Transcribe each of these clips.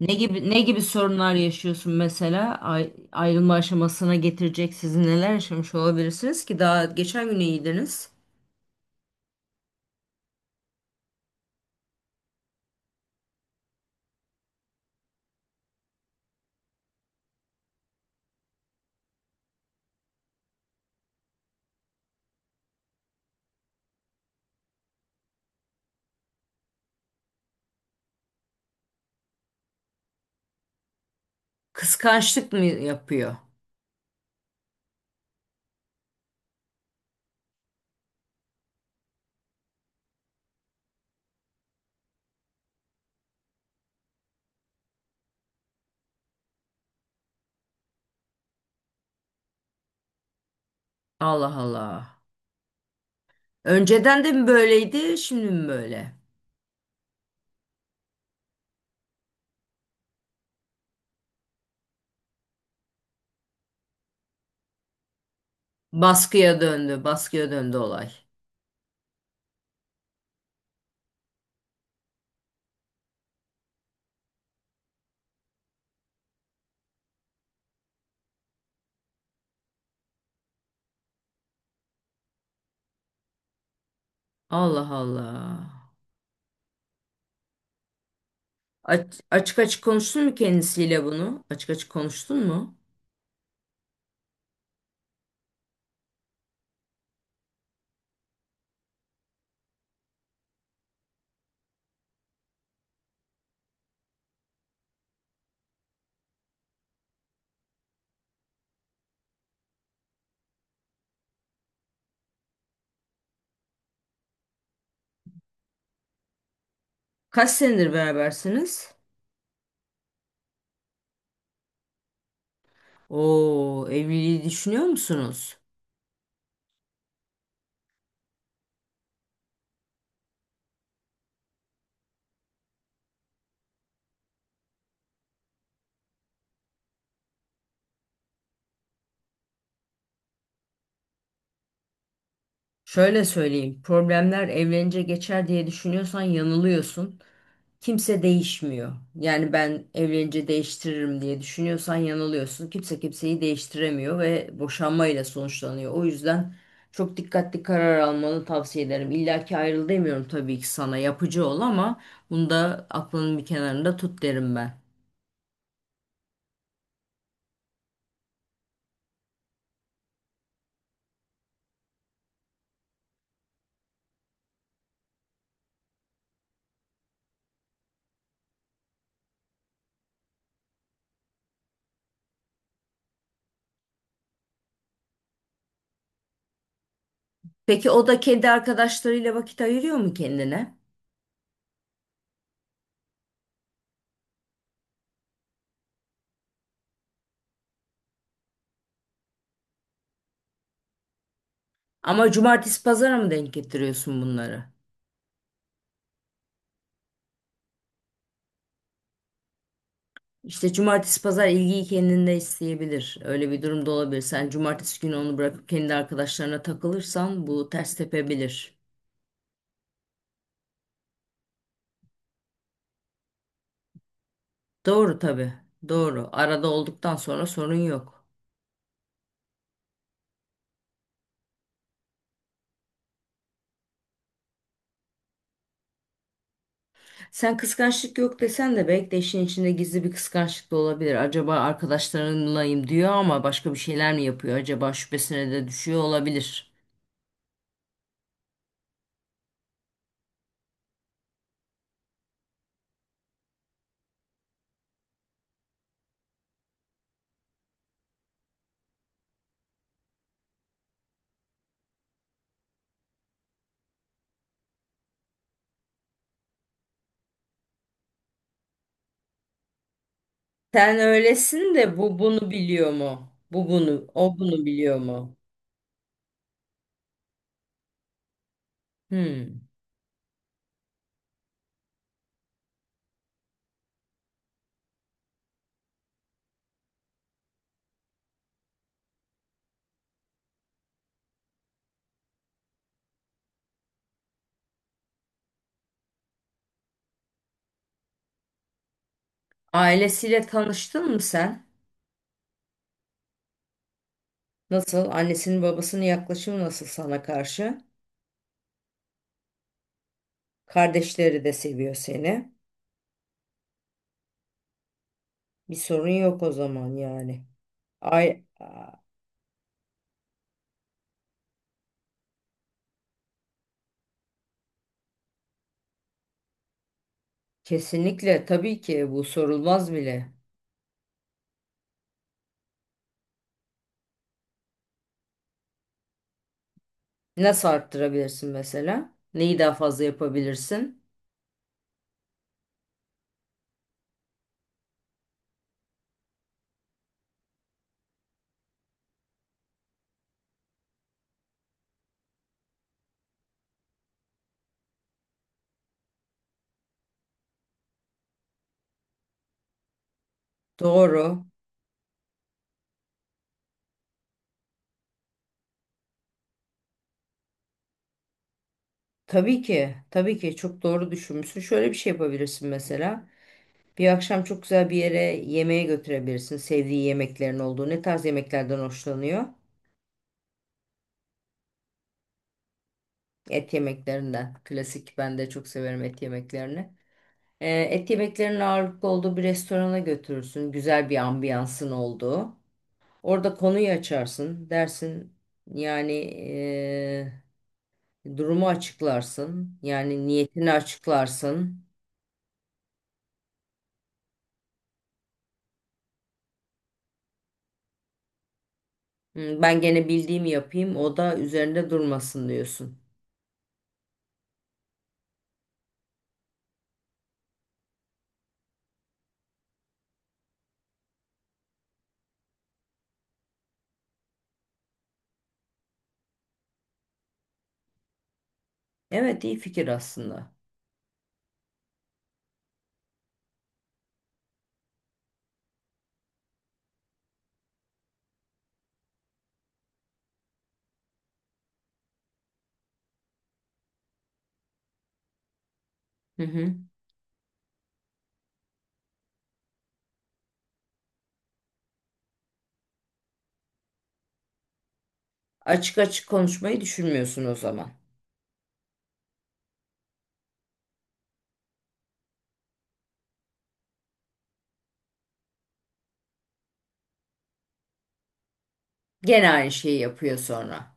Ne gibi sorunlar yaşıyorsun mesela? Ayrılma aşamasına getirecek sizi neler yaşamış olabilirsiniz ki daha geçen gün iyiydiniz. Kıskançlık mı yapıyor? Allah Allah. Önceden de mi böyleydi, şimdi mi böyle? Baskıya döndü, baskıya döndü olay. Allah Allah. Açık açık konuştun mu kendisiyle bunu? Açık açık konuştun mu? Kaç senedir berabersiniz? Oo, evliliği düşünüyor musunuz? Şöyle söyleyeyim, problemler evlenince geçer diye düşünüyorsan yanılıyorsun. Kimse değişmiyor. Yani ben evlenince değiştiririm diye düşünüyorsan yanılıyorsun. Kimse kimseyi değiştiremiyor ve boşanmayla sonuçlanıyor. O yüzden çok dikkatli karar almanı tavsiye ederim. İlla ki ayrıl demiyorum tabii ki, sana yapıcı ol ama bunu da aklının bir kenarında tut derim ben. Peki o da kendi arkadaşlarıyla vakit ayırıyor mu kendine? Ama cumartesi pazara mı denk getiriyorsun bunları? İşte cumartesi pazar ilgiyi kendinde isteyebilir. Öyle bir durumda olabilir. Sen cumartesi günü onu bırakıp kendi arkadaşlarına takılırsan bu ters tepebilir. Doğru tabii. Doğru. Arada olduktan sonra sorun yok. Sen kıskançlık yok desen de belki de işin içinde gizli bir kıskançlık da olabilir. Acaba arkadaşlarınlayım diyor ama başka bir şeyler mi yapıyor? Acaba şüphesine de düşüyor olabilir. Sen öylesin de bu bunu biliyor mu? O bunu biliyor mu? Hmm. Ailesiyle tanıştın mı sen? Nasıl? Annesinin babasının yaklaşımı nasıl sana karşı? Kardeşleri de seviyor seni. Bir sorun yok o zaman yani. Ay a- Kesinlikle tabii ki, bu sorulmaz bile. Nasıl arttırabilirsin mesela? Neyi daha fazla yapabilirsin? Doğru. Tabii ki. Tabii ki çok doğru düşünmüşsün. Şöyle bir şey yapabilirsin mesela. Bir akşam çok güzel bir yere yemeğe götürebilirsin. Sevdiği yemeklerin olduğu. Ne tarz yemeklerden hoşlanıyor? Et yemeklerinden. Klasik, ben de çok severim et yemeklerini. Et yemeklerinin ağırlıklı olduğu bir restorana götürürsün. Güzel bir ambiyansın olduğu. Orada konuyu açarsın. Dersin yani, durumu açıklarsın. Yani niyetini açıklarsın. "Hmm, ben gene bildiğimi yapayım o da üzerinde durmasın" diyorsun. Evet, iyi fikir aslında. Hı hı. Açık açık konuşmayı düşünmüyorsun o zaman. Gene aynı şeyi yapıyor sonra.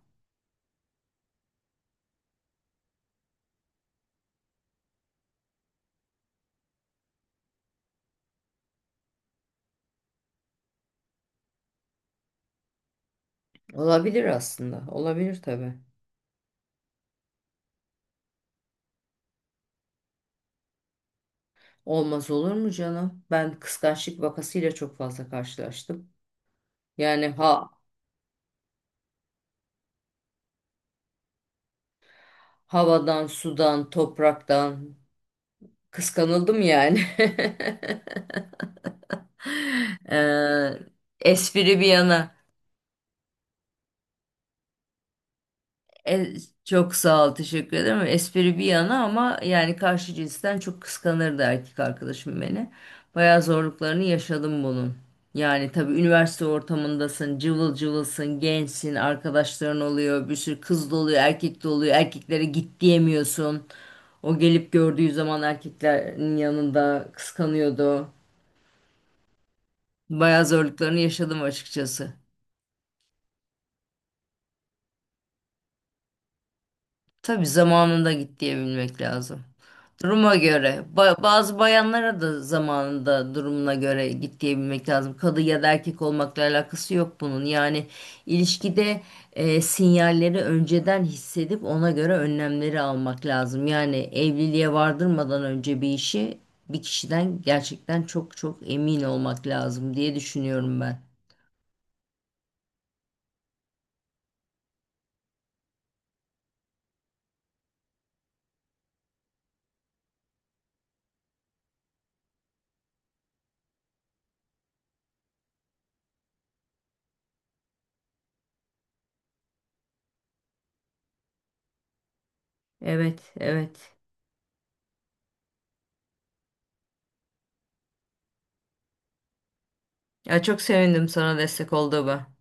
Olabilir aslında. Olabilir tabii. Olmaz olur mu canım? Ben kıskançlık vakasıyla çok fazla karşılaştım. Yani, havadan, sudan, topraktan kıskanıldım yani. Ee, Espri bir yana. E, Çok sağ ol, teşekkür ederim. Espri bir yana ama yani karşı cinsten çok kıskanırdı erkek arkadaşım beni. Bayağı zorluklarını yaşadım bunun. Yani tabii üniversite ortamındasın, cıvıl cıvılsın, gençsin, arkadaşların oluyor, bir sürü kız da oluyor, erkek de oluyor. Erkeklere git diyemiyorsun. O gelip gördüğü zaman erkeklerin yanında kıskanıyordu. Bayağı zorluklarını yaşadım açıkçası. Tabii zamanında git diyebilmek lazım. Duruma göre. Bazı bayanlara da zamanında durumuna göre git diyebilmek lazım. Kadın ya da erkek olmakla alakası yok bunun. Yani ilişkide sinyalleri önceden hissedip ona göre önlemleri almak lazım. Yani evliliğe vardırmadan önce bir işi bir kişiden gerçekten çok çok emin olmak lazım diye düşünüyorum ben. Evet, evet. Ya çok sevindim sana destek olduğuma.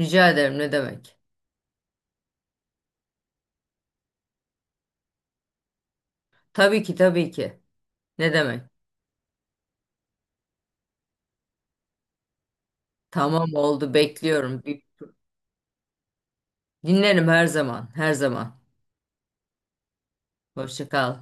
Rica ederim, ne demek. Tabii ki, tabii ki. Ne demek? Tamam, oldu, bekliyorum. Bir- dinlerim her zaman, her zaman. Hoşça kal.